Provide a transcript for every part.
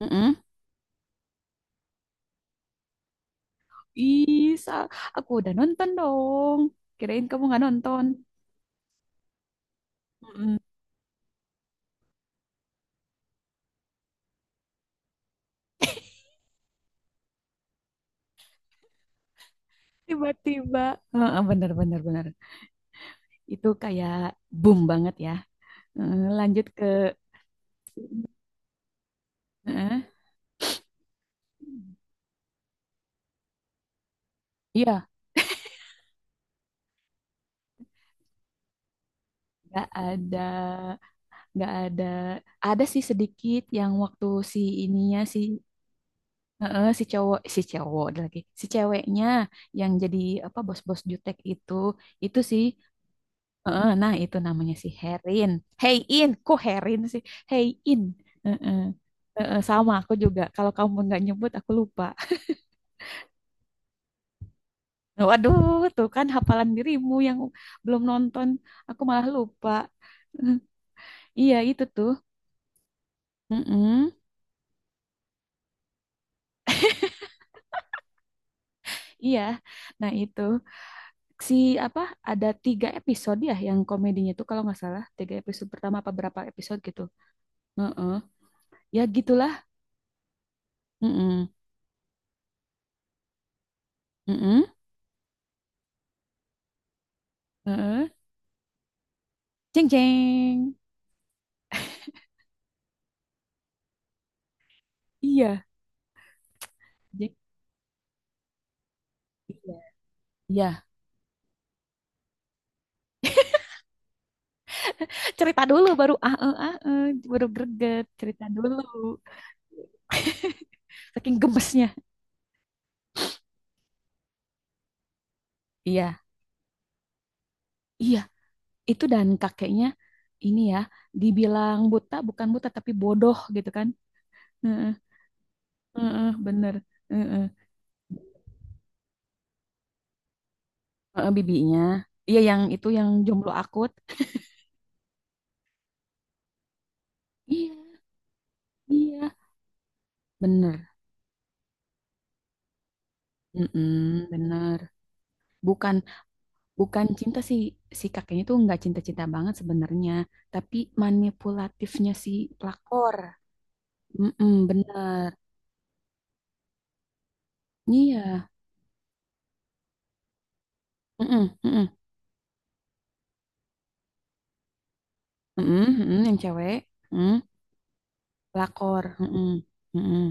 Mm-mm. Ih, Sal, aku udah nonton dong. Kirain kamu nggak nonton. Mm-mm. Tiba-tiba, heeh, bener bener bener. Itu kayak boom banget ya. Heeh, lanjut ke, heeh. Iya, nggak ada, nggak ada. Ada sih sedikit yang waktu si ininya si heeh, si cowok ada lagi, si ceweknya yang jadi apa bos-bos jutek itu sih heeh, nah itu namanya si Herin. Hey In, kok Herin sih? Hey In. Heeh. Heeh, sama aku juga. Kalau kamu nggak nyebut aku lupa. Waduh, tuh kan hafalan dirimu yang belum nonton, aku malah lupa. Iya itu tuh. Mm-mm. Iya. Nah itu si apa? Ada 3 episode ya yang komedinya tuh kalau nggak salah 3 episode pertama apa berapa episode gitu. Heeh. Ya gitulah. Mm-mm. Mm-mm. Heeh. Ceng ceng. Iya. Iya. Iya. Cerita dulu baru baru greget, cerita dulu. Saking gemesnya. Iya. Iya, itu dan kakeknya ini ya dibilang buta bukan buta tapi bodoh gitu kan. Heeh, heeh, bener. Heeh. Heeh, bibinya. Iya yang itu yang jomblo akut. Iya, iya. Bener. Mm-mm, bener. Bukan bukan cinta sih, si kakeknya tuh nggak cinta-cinta banget sebenarnya, tapi manipulatifnya si pelakor. Mm-mm, bener. Iya. Mm-mm, mm-mm, mm-mm, mm-mm, yang cewek. Mm, pelakor. Mm-mm, mm-mm.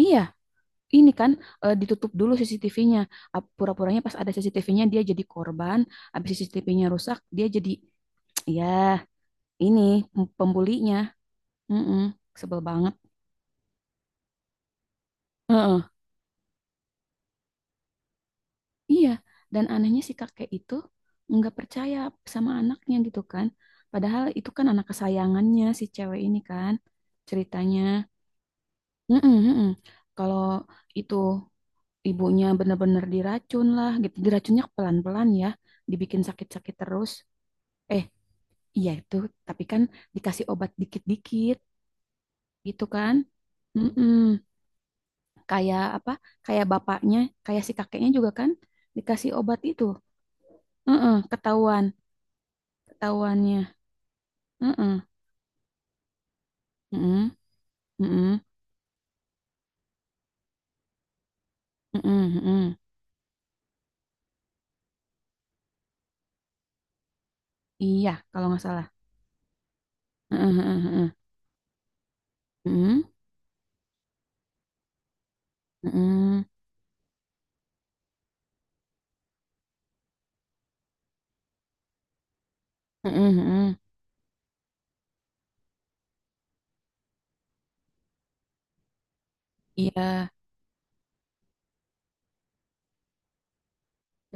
Iya, ini kan eh, ditutup dulu CCTV-nya. Pura-puranya pas ada CCTV-nya dia jadi korban. Habis CCTV-nya rusak, dia jadi, ya ini pembulinya. Mm-mm, sebel banget. Heeh, iya, dan anehnya si kakek itu nggak percaya sama anaknya gitu kan. Padahal itu kan anak kesayangannya si cewek ini kan ceritanya. Mm-mm, mm-mm. Kalau itu ibunya benar-benar diracun lah gitu. Diracunnya pelan-pelan ya, dibikin sakit-sakit terus. Eh, iya itu, tapi kan dikasih obat dikit-dikit gitu kan. Mm-mm. Kayak apa? Kayak bapaknya, kayak si kakeknya juga kan dikasih obat itu. Mm-mm, ketahuan, ketahuannya. Mm-mm, mm-mm, mm-mm, mm-mm, mm-mm. Iya, kalau nggak salah. Mm-mm, mm-mm, mm-mm, mm-mm, mm-mm, mm-mm. Iya,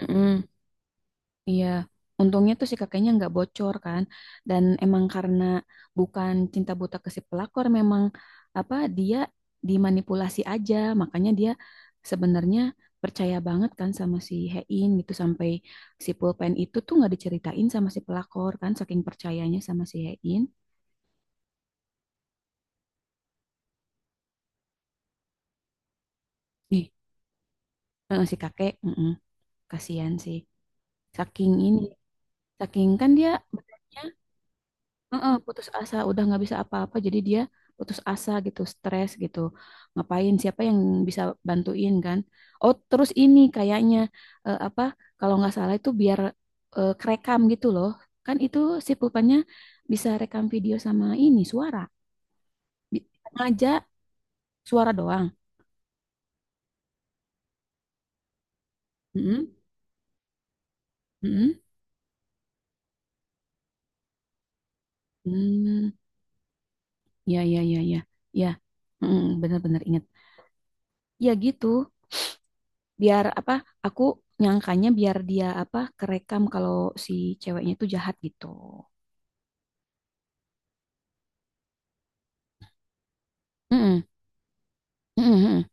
mm-mm, iya, untungnya tuh si kakeknya nggak bocor kan, dan emang karena bukan cinta buta ke si pelakor, memang apa dia dimanipulasi aja, makanya dia sebenarnya percaya banget kan sama si Hein gitu sampai si pulpen itu tuh nggak diceritain sama si pelakor kan, saking percayanya sama si Hein. Ih, eh, si kakek, mm, kasihan sih, saking ini, saking kan dia betulnya. Heeh, putus asa udah nggak bisa apa-apa jadi dia putus asa gitu stres gitu ngapain siapa yang bisa bantuin kan. Oh terus ini kayaknya eh, apa kalau nggak salah itu biar eh, kerekam gitu loh kan itu si pulpennya bisa rekam video sama ini suara. Bi- ngajak suara doang. Mm-mm, mm-mm. Hmm, ya ya ya ya ya. Mm, benar-benar ingat ya gitu biar apa aku nyangkanya biar dia apa kerekam kalau si ceweknya itu jahat gitu. Mm-mm, mm-mm, mm-mm,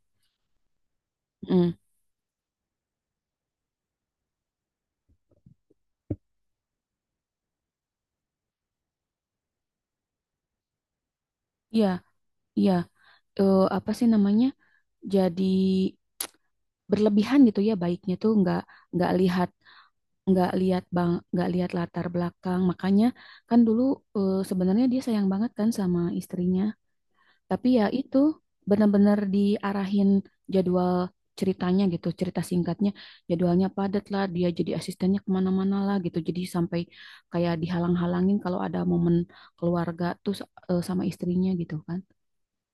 mm-mm. Iya, iya. Eh, apa sih namanya? Jadi berlebihan gitu ya baiknya tuh nggak lihat nggak lihat bang nggak lihat latar belakang makanya kan dulu eh, sebenarnya dia sayang banget kan sama istrinya. Tapi ya itu benar-benar diarahin jadwal ceritanya gitu, cerita singkatnya jadwalnya padat lah, dia jadi asistennya kemana-mana lah gitu. Jadi sampai kayak dihalang-halangin kalau ada momen keluarga tuh eh, sama istrinya gitu kan.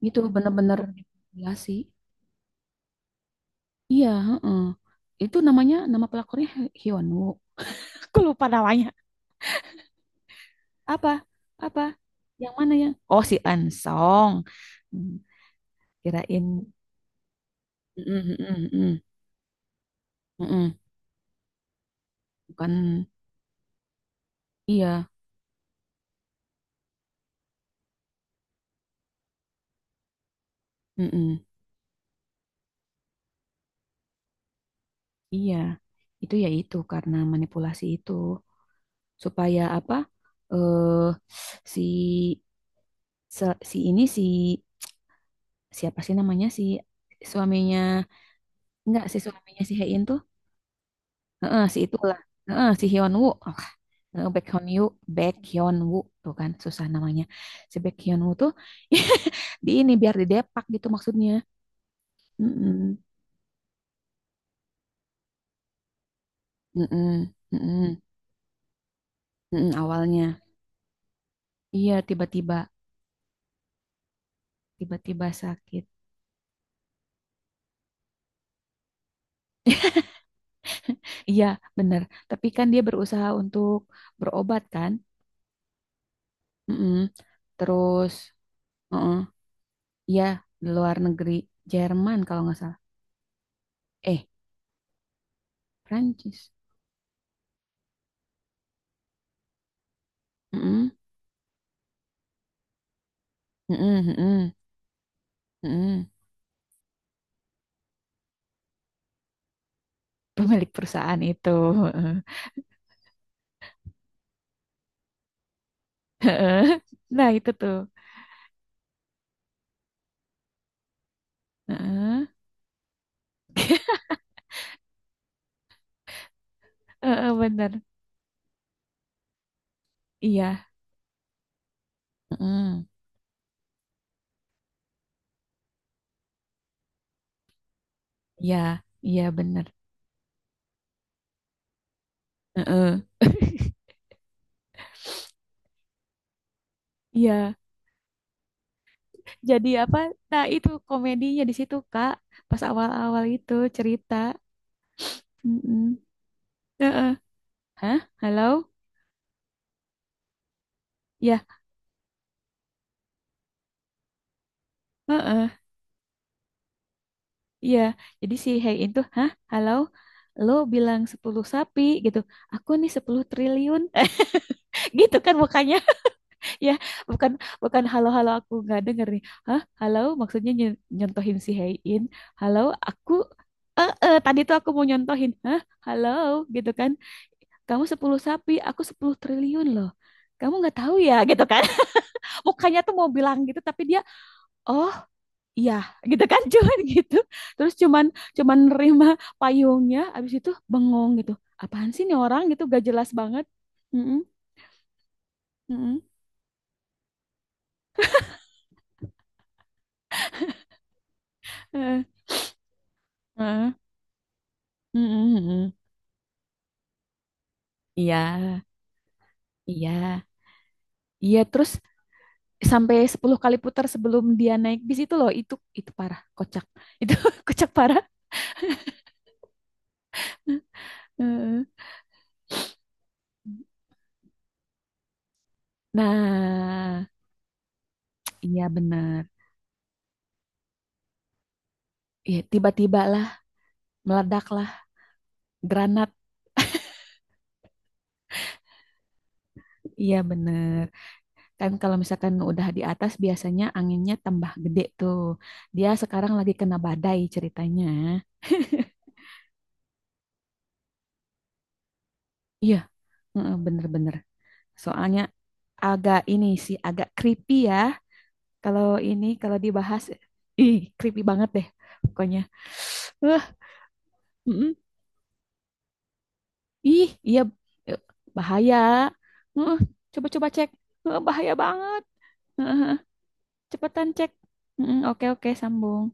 Gitu benar-benar dimanipulasi. Iya, heeh. Itu namanya nama pelakornya Hyunwoo. Aku lupa namanya. Apa? Apa? Yang mana ya? Oh, si Ansong. Hmm, kirain. Mm, mm, mm, mm, mm, mm, mm. Bukan. Iya, mm-mm, iya. Itu ya itu karena manipulasi itu supaya apa? Eh, si si ini si siapa sih namanya si suaminya, enggak si suaminya si Hein tuh. Heeh, si itulah. Heeh, si Hyun Woo. Oh eh, Baekhyun Yu, Baekhyun Woo tuh kan susah namanya. Si Baekhyun Woo tuh di ini biar didepak gitu maksudnya. Mm-mm, mm-mm, mm-mm, mm-mm, awalnya. Iya, tiba-tiba sakit. Iya, bener. Tapi kan dia berusaha untuk berobat kan. Mm-mm. Terus, mm, iya, di luar negeri. Jerman kalau nggak salah. Eh, Prancis. Mm-mm. Mm-mm, mm-mm, mm-mm. Pemilik perusahaan itu. Heeh. Nah, itu tuh. Heeh. Heeh, bener. Iya. Mm-mm. Iya, iya bener. Heeh. Iya, jadi apa? Nah, itu komedinya di situ, Kak. Pas awal-awal itu cerita. Mm-mm. Heeh. Hah? Halo? Ya, heeh. Iya. Jadi si Hey itu, "Hah? Halo? Lo bilang 10 sapi gitu. Aku nih 10 triliun." Gitu kan mukanya. Ya, bukan bukan halo-halo aku nggak denger nih. "Hah? Halo?" Maksudnya nyontohin si Hein. "Halo, aku." Eh, eh, tadi tuh aku mau nyontohin. "Hah? Halo?" gitu kan. "Kamu 10 sapi, aku 10 triliun loh." Kamu nggak tahu ya gitu kan. Mukanya tuh mau bilang gitu tapi dia oh iya gitu kan, cuman gitu terus cuman cuman nerima payungnya abis itu bengong gitu apaan sih nih orang gitu gak jelas banget. Mm-mm, mm-mm, eh, eh, mm-mm, mm-mm. Iya iya iya terus sampai 10 kali putar sebelum dia naik bis itu loh itu parah kocak itu kocak parah. Eh, eh. Nah iya bener. Iya, tiba-tiba lah, meledak lah, granat. Iya, bener. Kan kalau misalkan udah di atas biasanya anginnya tambah gede tuh. Dia sekarang lagi kena badai ceritanya. Iya, heeh, bener-bener. Soalnya agak ini sih, agak creepy ya. Kalau ini, kalau dibahas, ih, creepy banget deh pokoknya. Uh, mm-mm. Ih, iya, eh, bahaya. Uh, coba-coba cek. Bahaya banget. Uh, cepetan cek. Mm, oke, oke, sambung.